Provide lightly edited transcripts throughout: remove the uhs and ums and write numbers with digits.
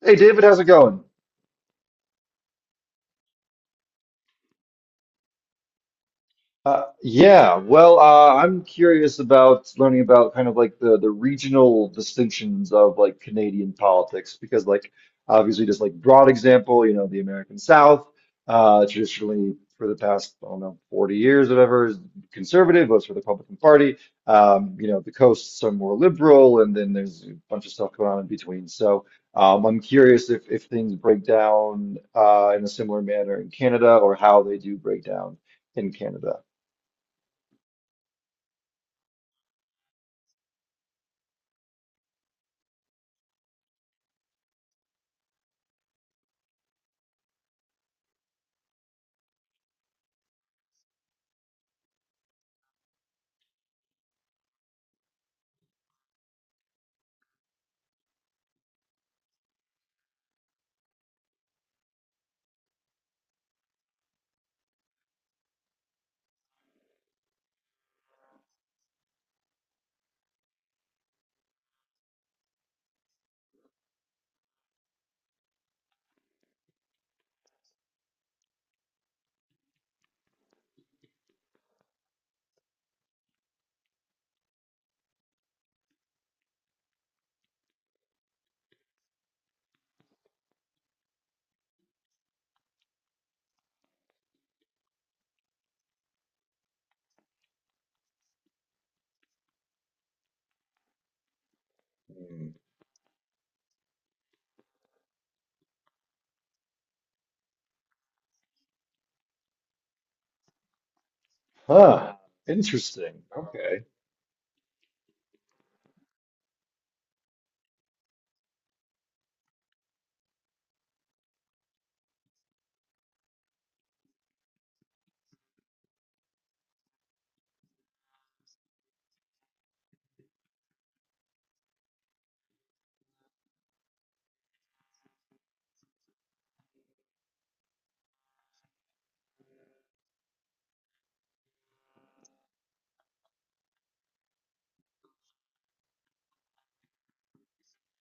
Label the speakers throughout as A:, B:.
A: Hey David, how's it going? I'm curious about learning about kind of like the regional distinctions of like Canadian politics because like obviously just like broad example, you know, the American South, traditionally for the past, I don't know, 40 years or whatever, is conservative, votes for the Republican Party. You know, the coasts are more liberal, and then there's a bunch of stuff going on in between. So, I'm curious if things break down in a similar manner in Canada or how they do break down in Canada. Mm. Huh. Interesting. Okay.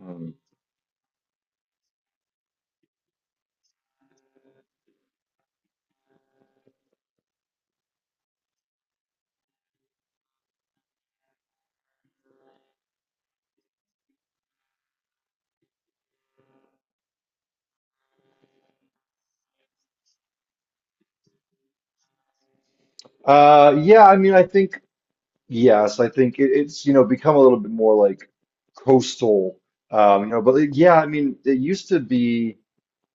A: Mm. Yeah, I mean, yes, I think it's, you know, become a little bit more like coastal, you know, but like, yeah, I mean, it used to be.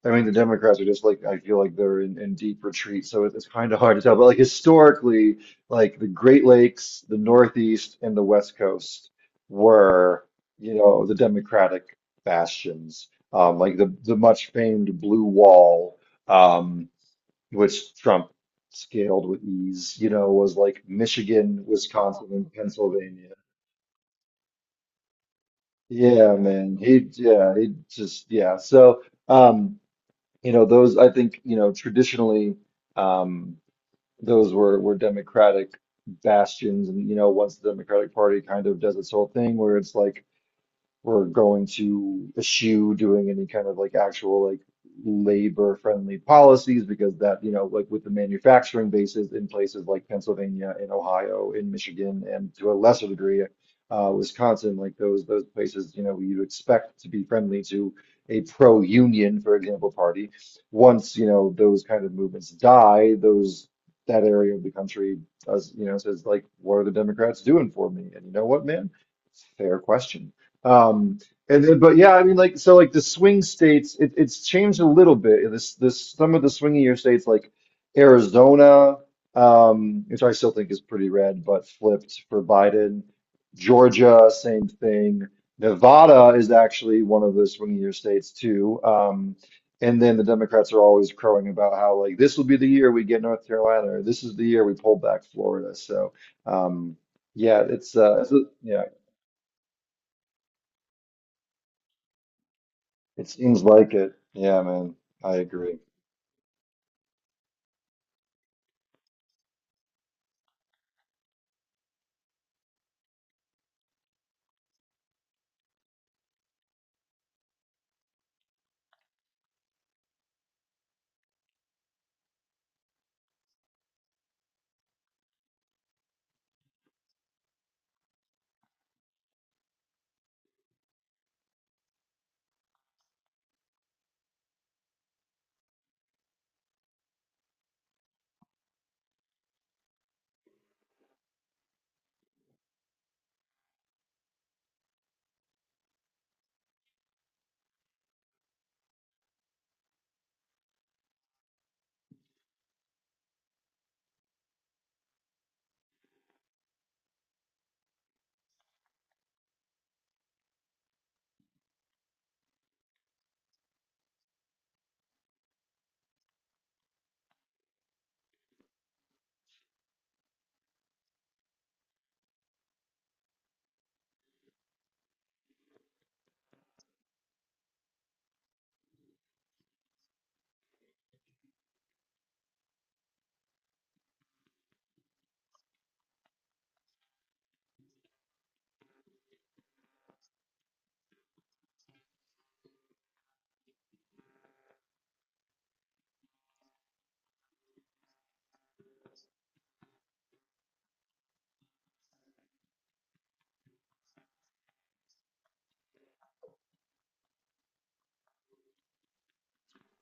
A: I mean, the Democrats are just like, I feel like they're in deep retreat, so it's kind of hard to tell. But like historically, like the Great Lakes, the Northeast, and the West Coast were, you know, the Democratic bastions. Like the much famed Blue Wall, um, which Trump scaled with ease, you know, was like Michigan, Wisconsin, and Pennsylvania. Yeah, man. He, yeah, he just, yeah. So. Um, You know, those I think, you know, traditionally, um, those were Democratic bastions, and you know, once the Democratic Party kind of does its whole thing, where it's like we're going to eschew doing any kind of like actual like labor friendly policies because that, you know, like with the manufacturing bases in places like Pennsylvania, in Ohio, in Michigan, and to a lesser degree, Wisconsin, like those places, you know, you would expect to be friendly to a pro-union, for example, party. Once, you know, those kind of movements die, those that area of the country does, you know, says like, what are the Democrats doing for me? And you know what, man? Fair question. Um, but yeah, I mean, like, so like the swing states, it's changed a little bit. Some of the swingier states like Arizona, which I still think is pretty red, but flipped for Biden. Georgia, same thing. Nevada is actually one of the swingier states too. And then the Democrats are always crowing about how like this will be the year we get North Carolina, or this is the year we pull back Florida. So, um, yeah, yeah. It seems like it. Yeah, man. I agree.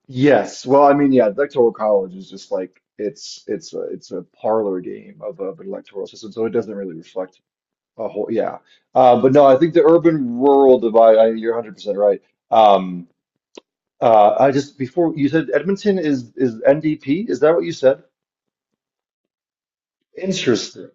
A: Yes. Well, I mean, yeah, the electoral college is just like it's a parlor game of an electoral system, so it doesn't really reflect a whole. Yeah. But no, I think the urban rural divide. You're 100% right. Um, I just before you said Edmonton is NDP. Is that what you said? Interesting.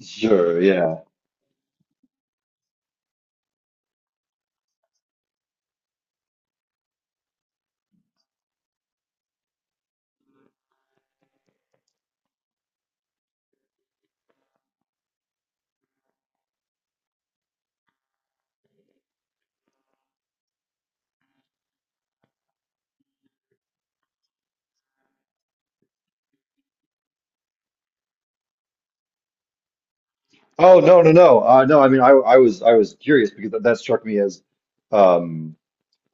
A: Sure. Yeah. Oh no no no. No. I mean, I was curious because that struck me as. um,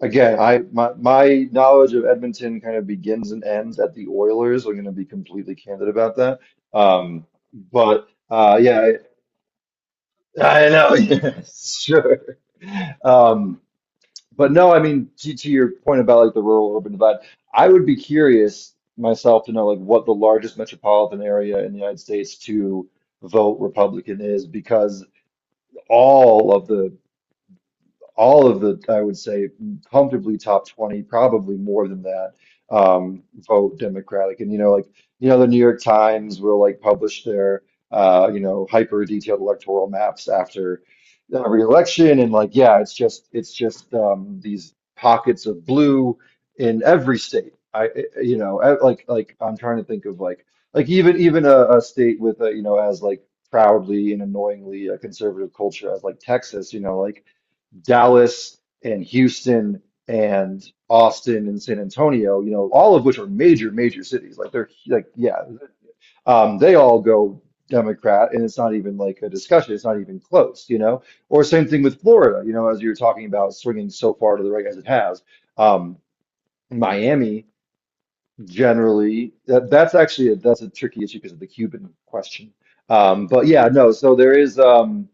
A: Again, I my knowledge of Edmonton kind of begins and ends at the Oilers. I'm going to be completely candid about that. Um, but yeah, I know. Yeah, sure. Um, but no, I mean to your point about like the rural urban divide, I would be curious myself to know like what the largest metropolitan area in the United States to vote Republican is because all of the all of the, I would say, comfortably top 20, probably more than that, um, vote Democratic. And, you know, like, you know, the New York Times will like publish their, you know, hyper detailed electoral maps after every election. And like, yeah, it's just these pockets of blue in every state. I, you know, I- like I'm trying to think of like even, even a state with a, you know, as like, proudly and annoyingly a conservative culture as like Texas, you know, like Dallas and Houston and Austin and San Antonio, you know, all of which are major, major cities. Like they're like, yeah, they all go Democrat, and it's not even like a discussion. It's not even close, you know. Or same thing with Florida, you know, as you were talking about swinging so far to the right as it has. Um, Miami generally, that's actually that's a tricky issue because of the Cuban question. But yeah, no. So there is.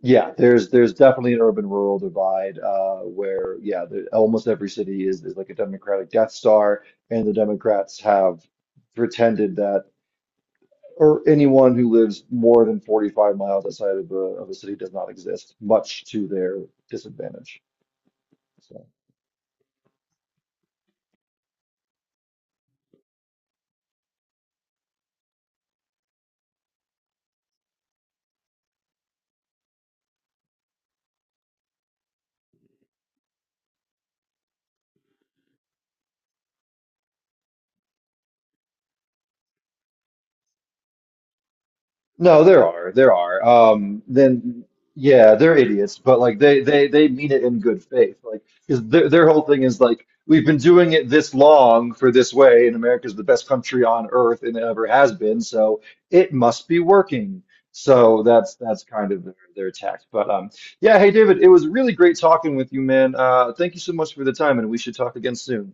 A: Yeah, there's definitely an urban rural divide where yeah, almost every city is like a Democratic Death Star, and the Democrats have pretended that or anyone who lives more than 45 miles outside of of a city does not exist, much to their disadvantage. So. No, there are. There are. Then yeah, they're idiots, but like they mean it in good faith. Like because their whole thing is like we've been doing it this long for this way, and America's the best country on earth and it ever has been, so it must be working. So that's kind of their tact. But yeah, hey David, it was really great talking with you, man. Thank you so much for the time and we should talk again soon.